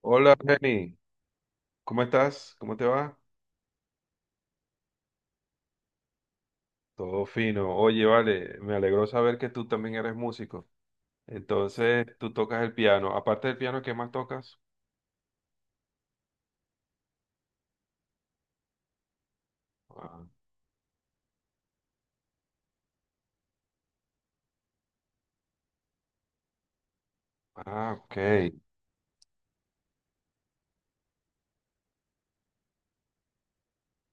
Hola Jenny, ¿cómo estás? ¿Cómo te va? Todo fino. Oye, vale, me alegró saber que tú también eres músico. Entonces, tú tocas el piano. Aparte del piano, ¿qué más tocas? Ah, ah, ok.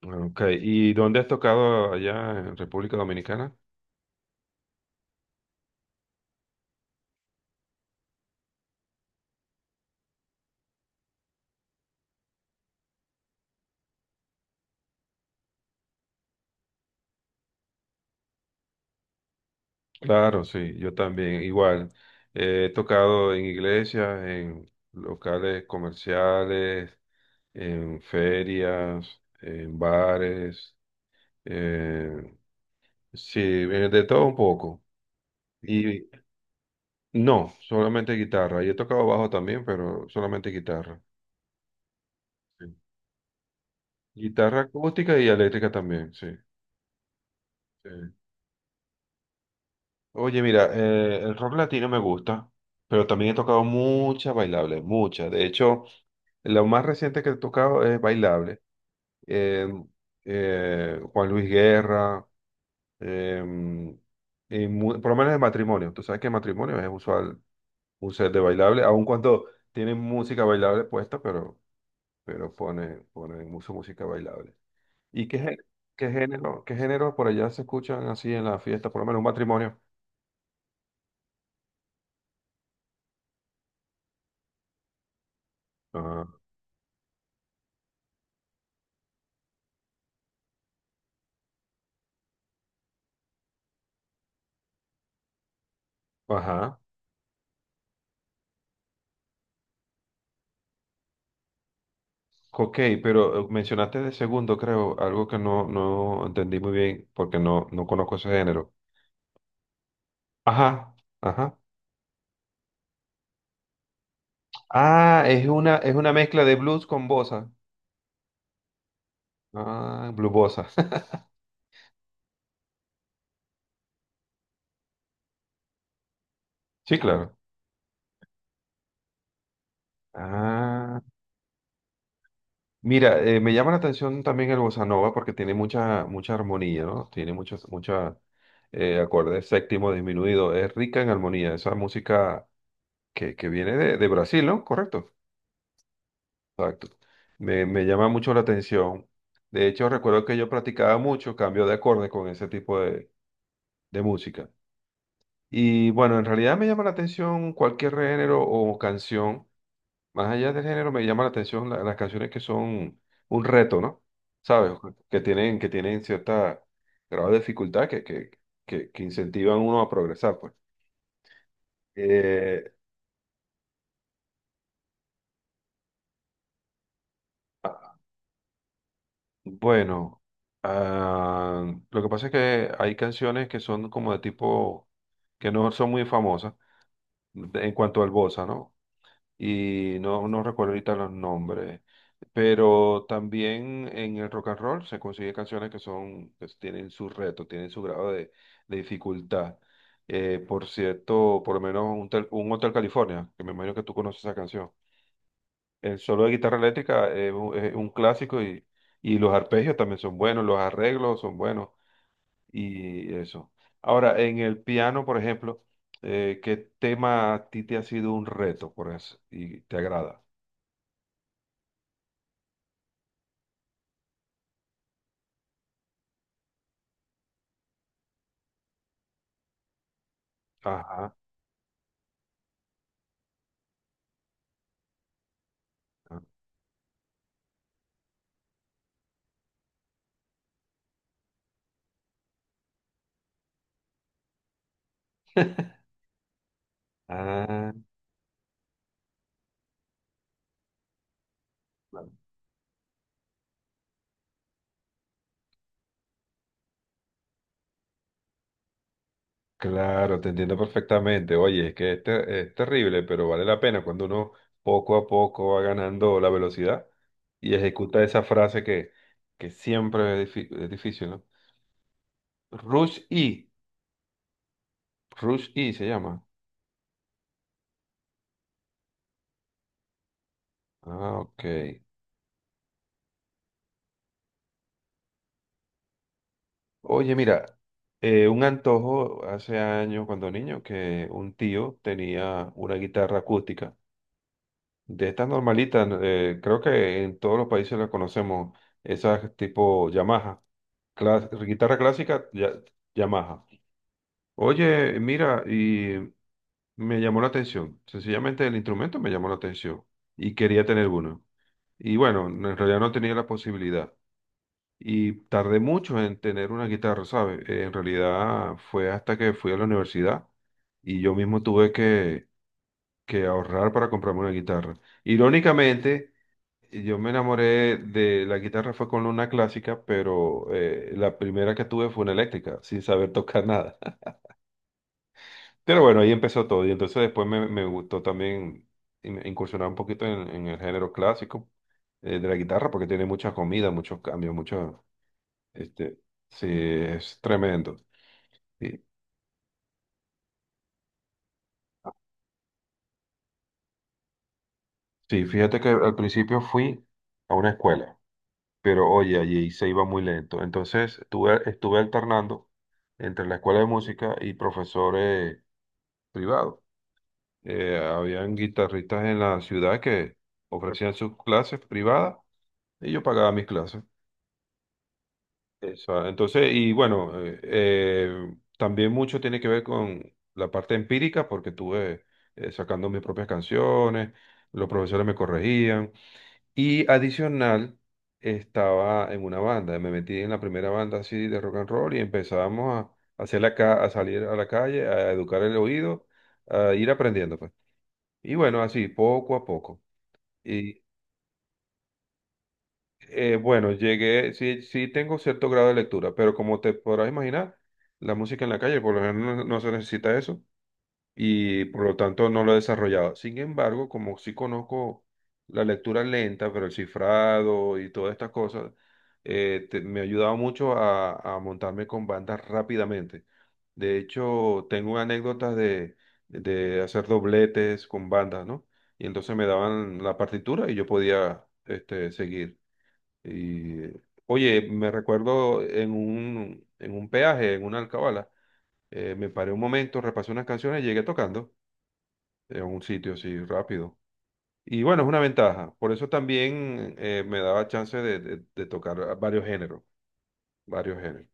Ah, ok. ¿Y dónde has tocado allá en República Dominicana? Claro, sí, yo también, igual. He tocado en iglesias, en locales comerciales, en ferias, en bares. eh, sí, de todo un poco. Y no, solamente guitarra. Yo he tocado bajo también, pero solamente guitarra. Sí. Guitarra acústica y eléctrica también, sí. Sí. Oye, mira, el rock latino me gusta, pero también he tocado muchas bailables, muchas. De hecho, lo más reciente que he tocado es bailable. Eh, Juan Luis Guerra, eh, y por lo menos en matrimonio. Tú sabes que en matrimonio es usual un set de bailable, aun cuando tienen música bailable puesta, pero pone mucha música bailable. ¿Y qué, gé- ¿qué género, qué género por allá se escuchan así en la fiesta, por lo menos un matrimonio? Ah, ajá. Ok, pero mencionaste de segundo, creo, algo que no entendí muy bien porque no conozco ese género. Ajá, ajá. Ah, es una mezcla de blues con bossa. Ah, blues bossa. Sí, claro. Ah. Mira, me llama la atención también el bossa nova porque tiene mucha, mucha armonía, ¿no? Tiene muchos, muchos acordes séptimo disminuido. Es rica en armonía. Esa música que viene de Brasil, ¿no? Correcto. Exacto. Me llama mucho la atención. De hecho, recuerdo que yo practicaba mucho cambio de acordes con ese tipo de música. Y bueno, en realidad me llama la atención cualquier género o canción. Más allá del género, me llama la atención las canciones que son un reto, ¿no? ¿Sabes? Que tienen cierta grado de dificultad que, que incentivan a uno a progresar, pues. Eh, ah, bueno, ah, lo que pasa es que hay canciones que son como de tipo, que no son muy famosas en cuanto al bossa, ¿no? Y no, no recuerdo ahorita los nombres, pero también en el rock and roll se consigue canciones que son, que tienen su reto, tienen su grado de dificultad. Por cierto, por lo menos un Hotel California, que me imagino que tú conoces esa canción. El solo de guitarra eléctrica es un clásico y los arpegios también son buenos, los arreglos son buenos y eso. Ahora, en el piano, por ejemplo, ¿qué tema a ti te ha sido un reto por eso y te agrada? Ajá. Ah, claro, te entiendo perfectamente. Oye, es que es terrible, pero vale la pena cuando uno poco a poco va ganando la velocidad y ejecuta esa frase que siempre es difícil, ¿no? Rush E, Rush E se llama. Ah, ok. Oye, mira, un antojo hace años cuando niño que un tío tenía una guitarra acústica. De estas normalitas, creo que en todos los países las conocemos, esas tipo Yamaha, guitarra clásica, Yamaha. Oye, mira, y me llamó la atención, sencillamente el instrumento me llamó la atención y quería tener uno. Y bueno, no, en realidad no tenía la posibilidad. Y tardé mucho en tener una guitarra, ¿sabes? En realidad fue hasta que fui a la universidad y yo mismo tuve que ahorrar para comprarme una guitarra. Irónicamente, y yo me enamoré de la guitarra fue con una clásica, pero la primera que tuve fue una eléctrica, sin saber tocar nada. Pero bueno, ahí empezó todo. Y entonces después me, me gustó también incursionar un poquito en el género clásico de la guitarra, porque tiene mucha comida, muchos cambios, mucho, este, sí, es tremendo. Sí, sí, fíjate que al principio fui a una escuela, pero oye, allí se iba muy lento. Entonces estuve alternando entre la escuela de música y profesores privado. Habían guitarristas en la ciudad que ofrecían sus clases privadas y yo pagaba mis clases. Entonces, y bueno, también mucho tiene que ver con la parte empírica porque estuve sacando mis propias canciones, los profesores me corregían y adicional estaba en una banda, me metí en la primera banda así de rock and roll y empezábamos hacer a salir a la calle, a educar el oído, a ir aprendiendo, pues. Y bueno, así, poco a poco. Y bueno, llegué, sí, sí tengo cierto grado de lectura, pero como te podrás imaginar, la música en la calle, por lo general no, no se necesita eso. Y por lo tanto no lo he desarrollado. Sin embargo, como sí conozco la lectura lenta, pero el cifrado y todas estas cosas, me ha ayudado mucho a montarme con bandas rápidamente. De hecho, tengo anécdotas de hacer dobletes con bandas, ¿no? Y entonces me daban la partitura y yo podía este, seguir. Y, oye, me recuerdo en un peaje, en una alcabala, me paré un momento, repasé unas canciones y llegué tocando en un sitio así rápido. Y bueno, es una ventaja. Por eso también me daba chance de, de tocar varios géneros, varios géneros.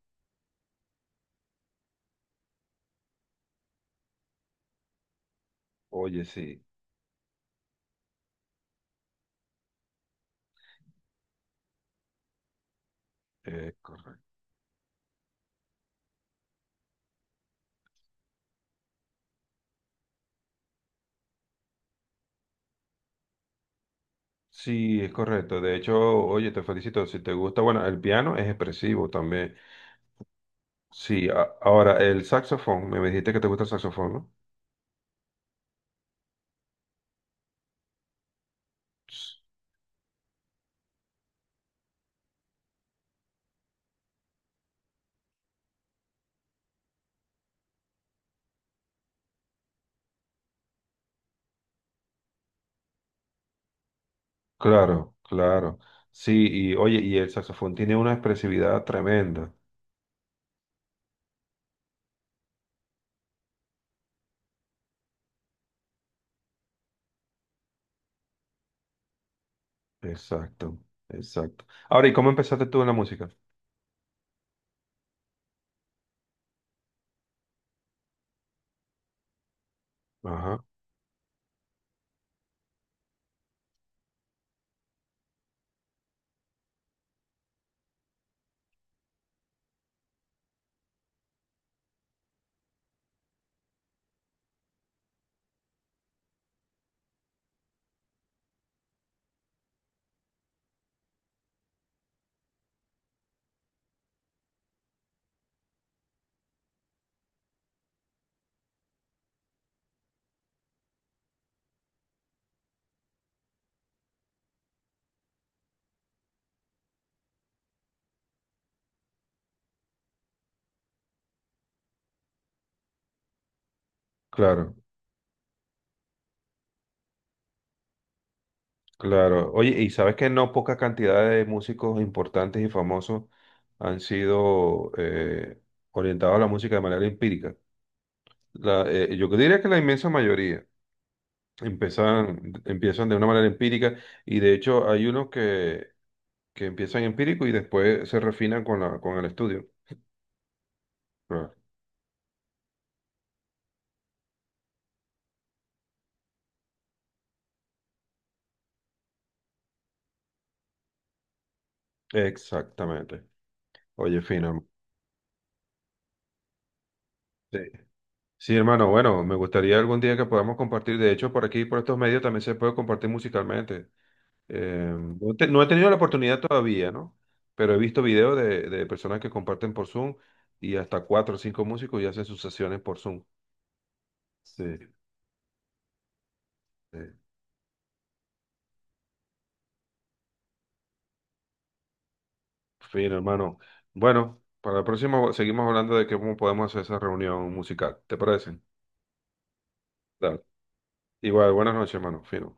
Oye, sí, es correcto. Sí, es correcto. De hecho, oye, te felicito. Si te gusta, bueno, el piano es expresivo también. Sí, ahora el saxofón, me dijiste que te gusta el saxofón, ¿no? S- Claro, claro. Sí, y oye, y el saxofón tiene una expresividad tremenda. Exacto, exacto. Ahora, ¿y cómo empezaste tú en la música? Ajá, claro. Claro, oye, y sabes que no poca cantidad de músicos importantes y famosos han sido orientados a la música de manera empírica. La, yo diría que la inmensa mayoría empiezan de una manera empírica y de hecho hay unos que empiezan empírico y después se refinan con la, con el estudio. Claro. Exactamente. Oye, fino. Sí. Sí, hermano, bueno, me gustaría algún día que podamos compartir, de hecho, por aquí, por estos medios también se puede compartir musicalmente. Eh, no, no he tenido la oportunidad todavía, ¿no? Pero he visto videos de personas que comparten por Zoom y hasta cuatro o cinco músicos y hacen sus sesiones por Zoom. Sí. Sí. Fin, hermano. Bueno, para la próxima seguimos hablando de cómo podemos hacer esa reunión musical. ¿Te parece? Dale. Igual, buenas noches, hermano. Fino.